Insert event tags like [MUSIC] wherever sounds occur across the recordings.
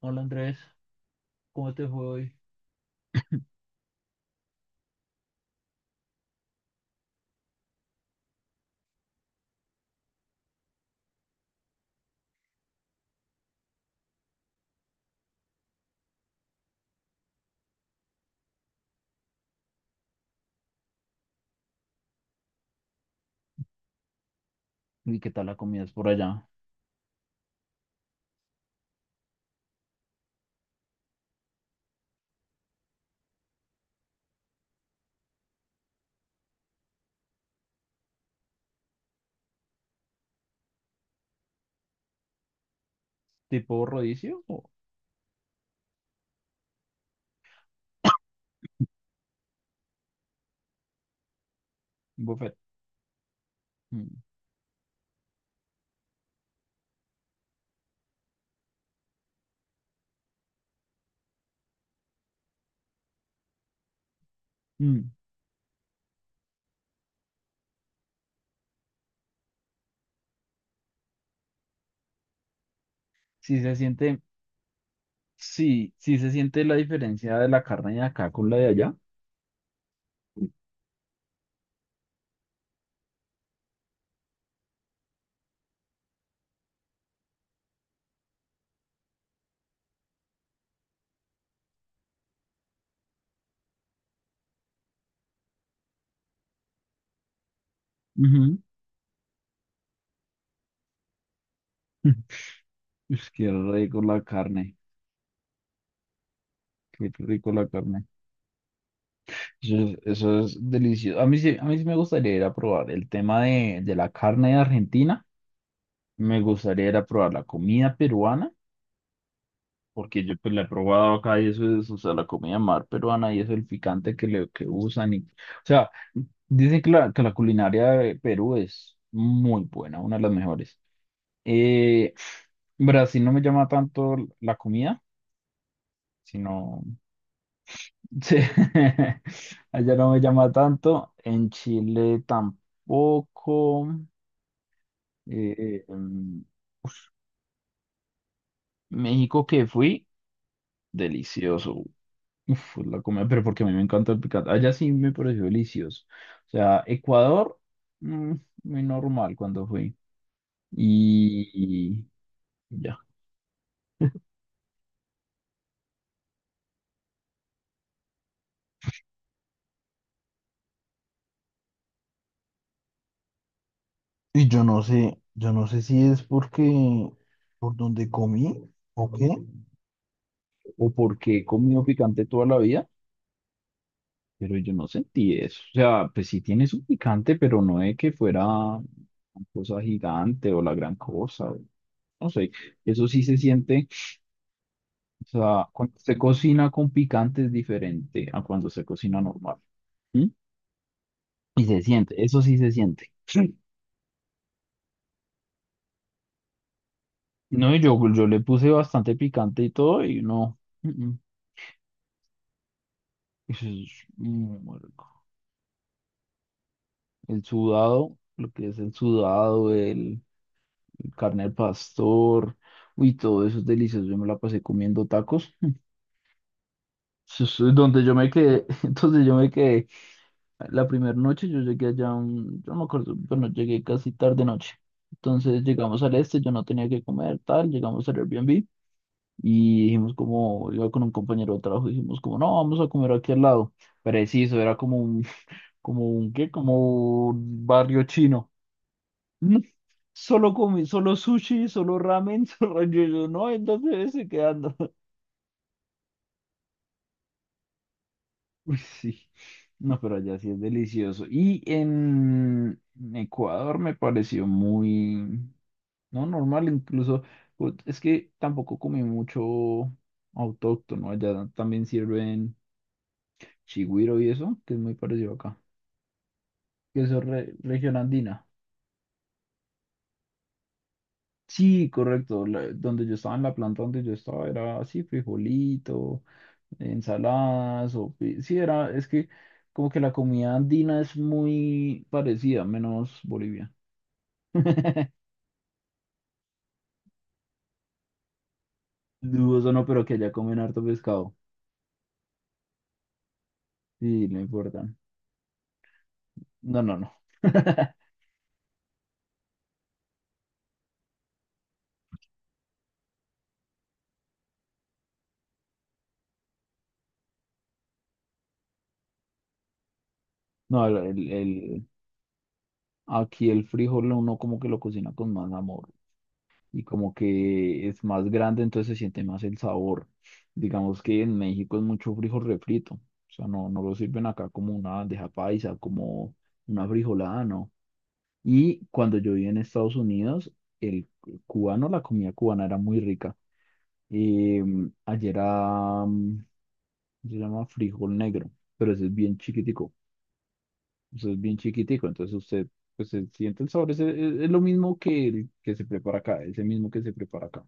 Hola Andrés, ¿cómo te fue hoy? ¿Y qué tal la comida es por allá? ¿Tipo rodicio o buffet? Mm. Mm. Sí se siente, sí, sí se siente la diferencia de la carne de acá con la de allá. Ujú. [LAUGHS] Es que rico la carne, qué rico la carne. Eso es delicioso. A mí sí me gustaría ir a probar el tema de la carne de Argentina. Me gustaría ir a probar la comida peruana, porque yo pues la he probado acá y eso es, o sea, la comida mar peruana y eso, el picante que usan. Y, o sea, dicen que la culinaria de Perú es muy buena, una de las mejores. Eh, Brasil no me llama tanto la comida, sino. [LAUGHS] Sí. Allá no me llama tanto. En Chile tampoco. Eh, em, uf, México que fui, delicioso. Uf, la comida, pero porque a mí me encanta el picante. Allá sí me pareció delicioso. O sea, Ecuador, mm, muy normal cuando fui. Y ya. Y yo no sé si es porque por donde comí o qué. O porque he comido picante toda la vida. Pero yo no sentí eso. O sea, pues sí tiene su picante, pero no es que fuera una cosa gigante o la gran cosa. No sé, eso sí se siente. O sea, cuando se cocina con picante es diferente a cuando se cocina normal. ¿Mm? Y se siente, eso sí se siente. Sí. No, y yo le puse bastante picante y todo, y no. Eso es muy rico. El sudado, lo que es el sudado, carne al pastor, uy, todo eso es delicioso. Yo me la pasé comiendo tacos. Eso es donde yo me quedé, [LAUGHS] entonces yo me quedé la primera noche, yo llegué allá, yo no me acuerdo, bueno, llegué casi tarde noche. Entonces llegamos al este, yo no tenía que comer, tal, llegamos al Airbnb y dijimos como, iba con un compañero de trabajo, dijimos como, no, vamos a comer aquí al lado. Preciso, era como un, [LAUGHS] como un, ¿qué? Como un barrio chino. [LAUGHS] Solo comí, solo sushi, solo ramen, [LAUGHS] solo yo, no, entonces dónde quedando. [LAUGHS] Uy, sí. No, pero allá sí es delicioso. Y en Ecuador me pareció muy, no, normal, incluso, pues, es que tampoco comí mucho autóctono, allá también sirven chigüiro y eso, que es muy parecido acá, que eso es región andina. Sí, correcto, donde yo estaba en la planta donde yo estaba era así, frijolito, Ensaladas. Sí, era, es que como que la comida andina es muy parecida, menos Bolivia. [LAUGHS] Dudoso no, pero que allá comen harto pescado. Sí, no importan. No, no, no. [LAUGHS] No, aquí el frijol uno como que lo cocina con más amor y como que es más grande, entonces se siente más el sabor. Digamos que en México es mucho frijol refrito, o sea, no, no lo sirven acá como una bandeja paisa, como una frijolada, no. Y cuando yo vivía en Estados Unidos, el cubano, la comida cubana era muy rica. Eh, allá era, se llama frijol negro, pero ese es bien chiquitico. Eso es bien chiquitico, entonces usted pues, se siente el sabor. Es lo mismo que el que se prepara acá, es el mismo que se prepara acá.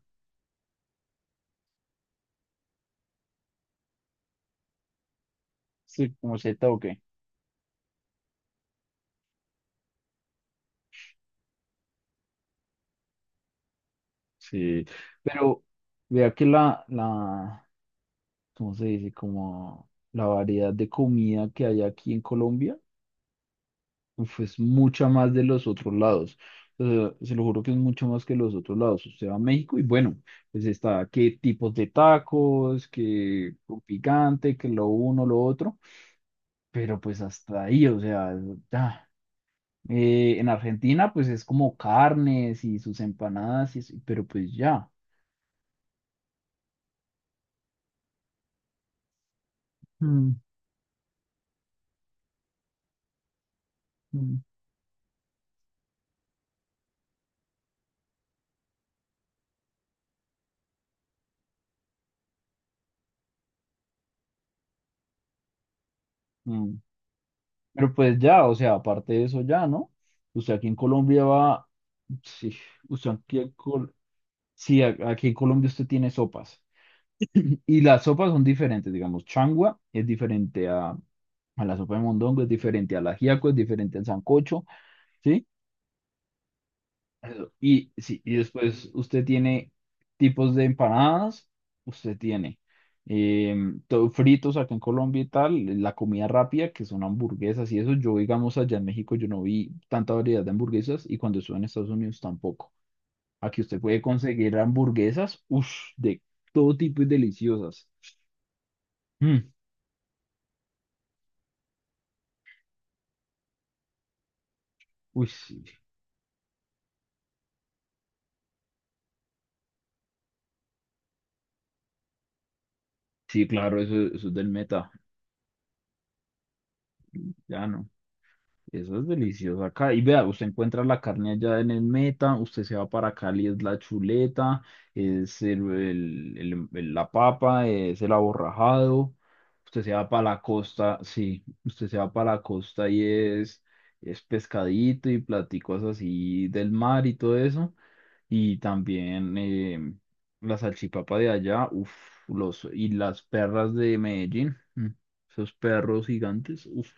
Sí, como seta o qué. Sí, pero vea que ¿cómo se dice? Como la variedad de comida que hay aquí en Colombia. Uf, es mucha más de los otros lados. O sea, se lo juro que es mucho más que los otros lados. Usted va a México y bueno, pues está qué tipos de tacos, qué con picante, que lo uno, lo otro, pero pues hasta ahí, o sea, ya. En Argentina pues es como carnes y sus empanadas, pero pues ya. Mm, mm. Mm. Pero pues ya, o sea, aparte de eso ya, ¿no? Usted aquí en Colombia va, sí, usted aquí en Colombia. Sí, aquí en Colombia usted tiene sopas. Y las sopas son diferentes, digamos, changua es diferente a la sopa de mondongo, es diferente al ajiaco, es diferente al sancocho, ¿sí? Eso. Y, sí, y después usted tiene tipos de empanadas, usted tiene todo fritos acá en Colombia y tal, la comida rápida, que son hamburguesas y eso. Yo, digamos, allá en México yo no vi tanta variedad de hamburguesas y cuando estuve en Estados Unidos tampoco. Aquí usted puede conseguir hamburguesas, uff, de todo tipo y deliciosas. Mm, uy, sí, sí, claro, eso es del Meta, ya no. Eso es delicioso acá. Y vea, usted encuentra la carne allá en el Meta, usted se va para Cali, es la chuleta, es la papa, es el aborrajado. Usted se va para la costa, sí, usted se va para la costa y es pescadito y platicos así del mar y todo eso. Y también la salchipapa de allá, uff, y las perras de Medellín, esos perros gigantes, uff,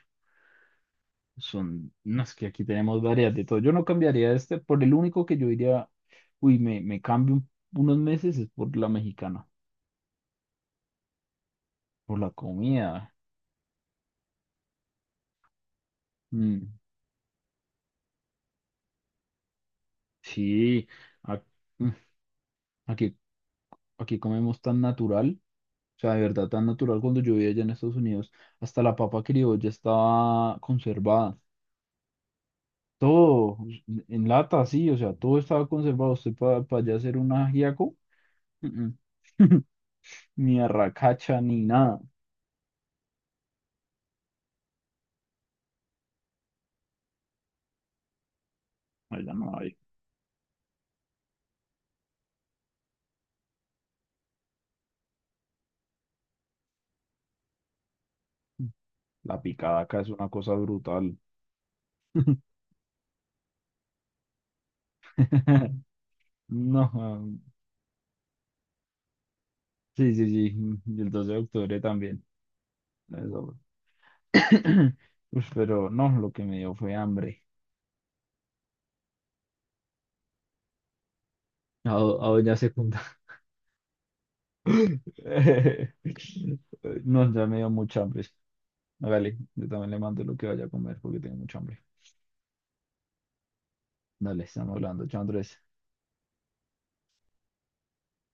son, no, es que aquí tenemos varias de todo. Yo no cambiaría este, por el único que yo diría, uy, me cambio unos meses es por la mexicana, por la comida. Mm, sí, a- mm, aquí, aquí comemos tan natural, o sea, de verdad tan natural. Cuando yo vivía allá en Estados Unidos, hasta la papa criolla estaba conservada. Todo en lata, sí, o sea, todo estaba conservado. Usted para allá hacer un ajiaco, mm, mm. [LAUGHS] Ni arracacha ni nada. Allá no hay. La picada acá es una cosa brutal. [LAUGHS] No, ah, sí, sí, sí. Y el 12 de octubre también. Eso. [CLEARS THROAT] Ush, pero no, lo que me dio fue hambre. A doña Secunda. [LAUGHS] No, ya me dio mucha hambre. Hágale, yo también le mando lo que vaya a comer porque tengo mucha hambre. Dale, estamos hablando. Chao, Andrés.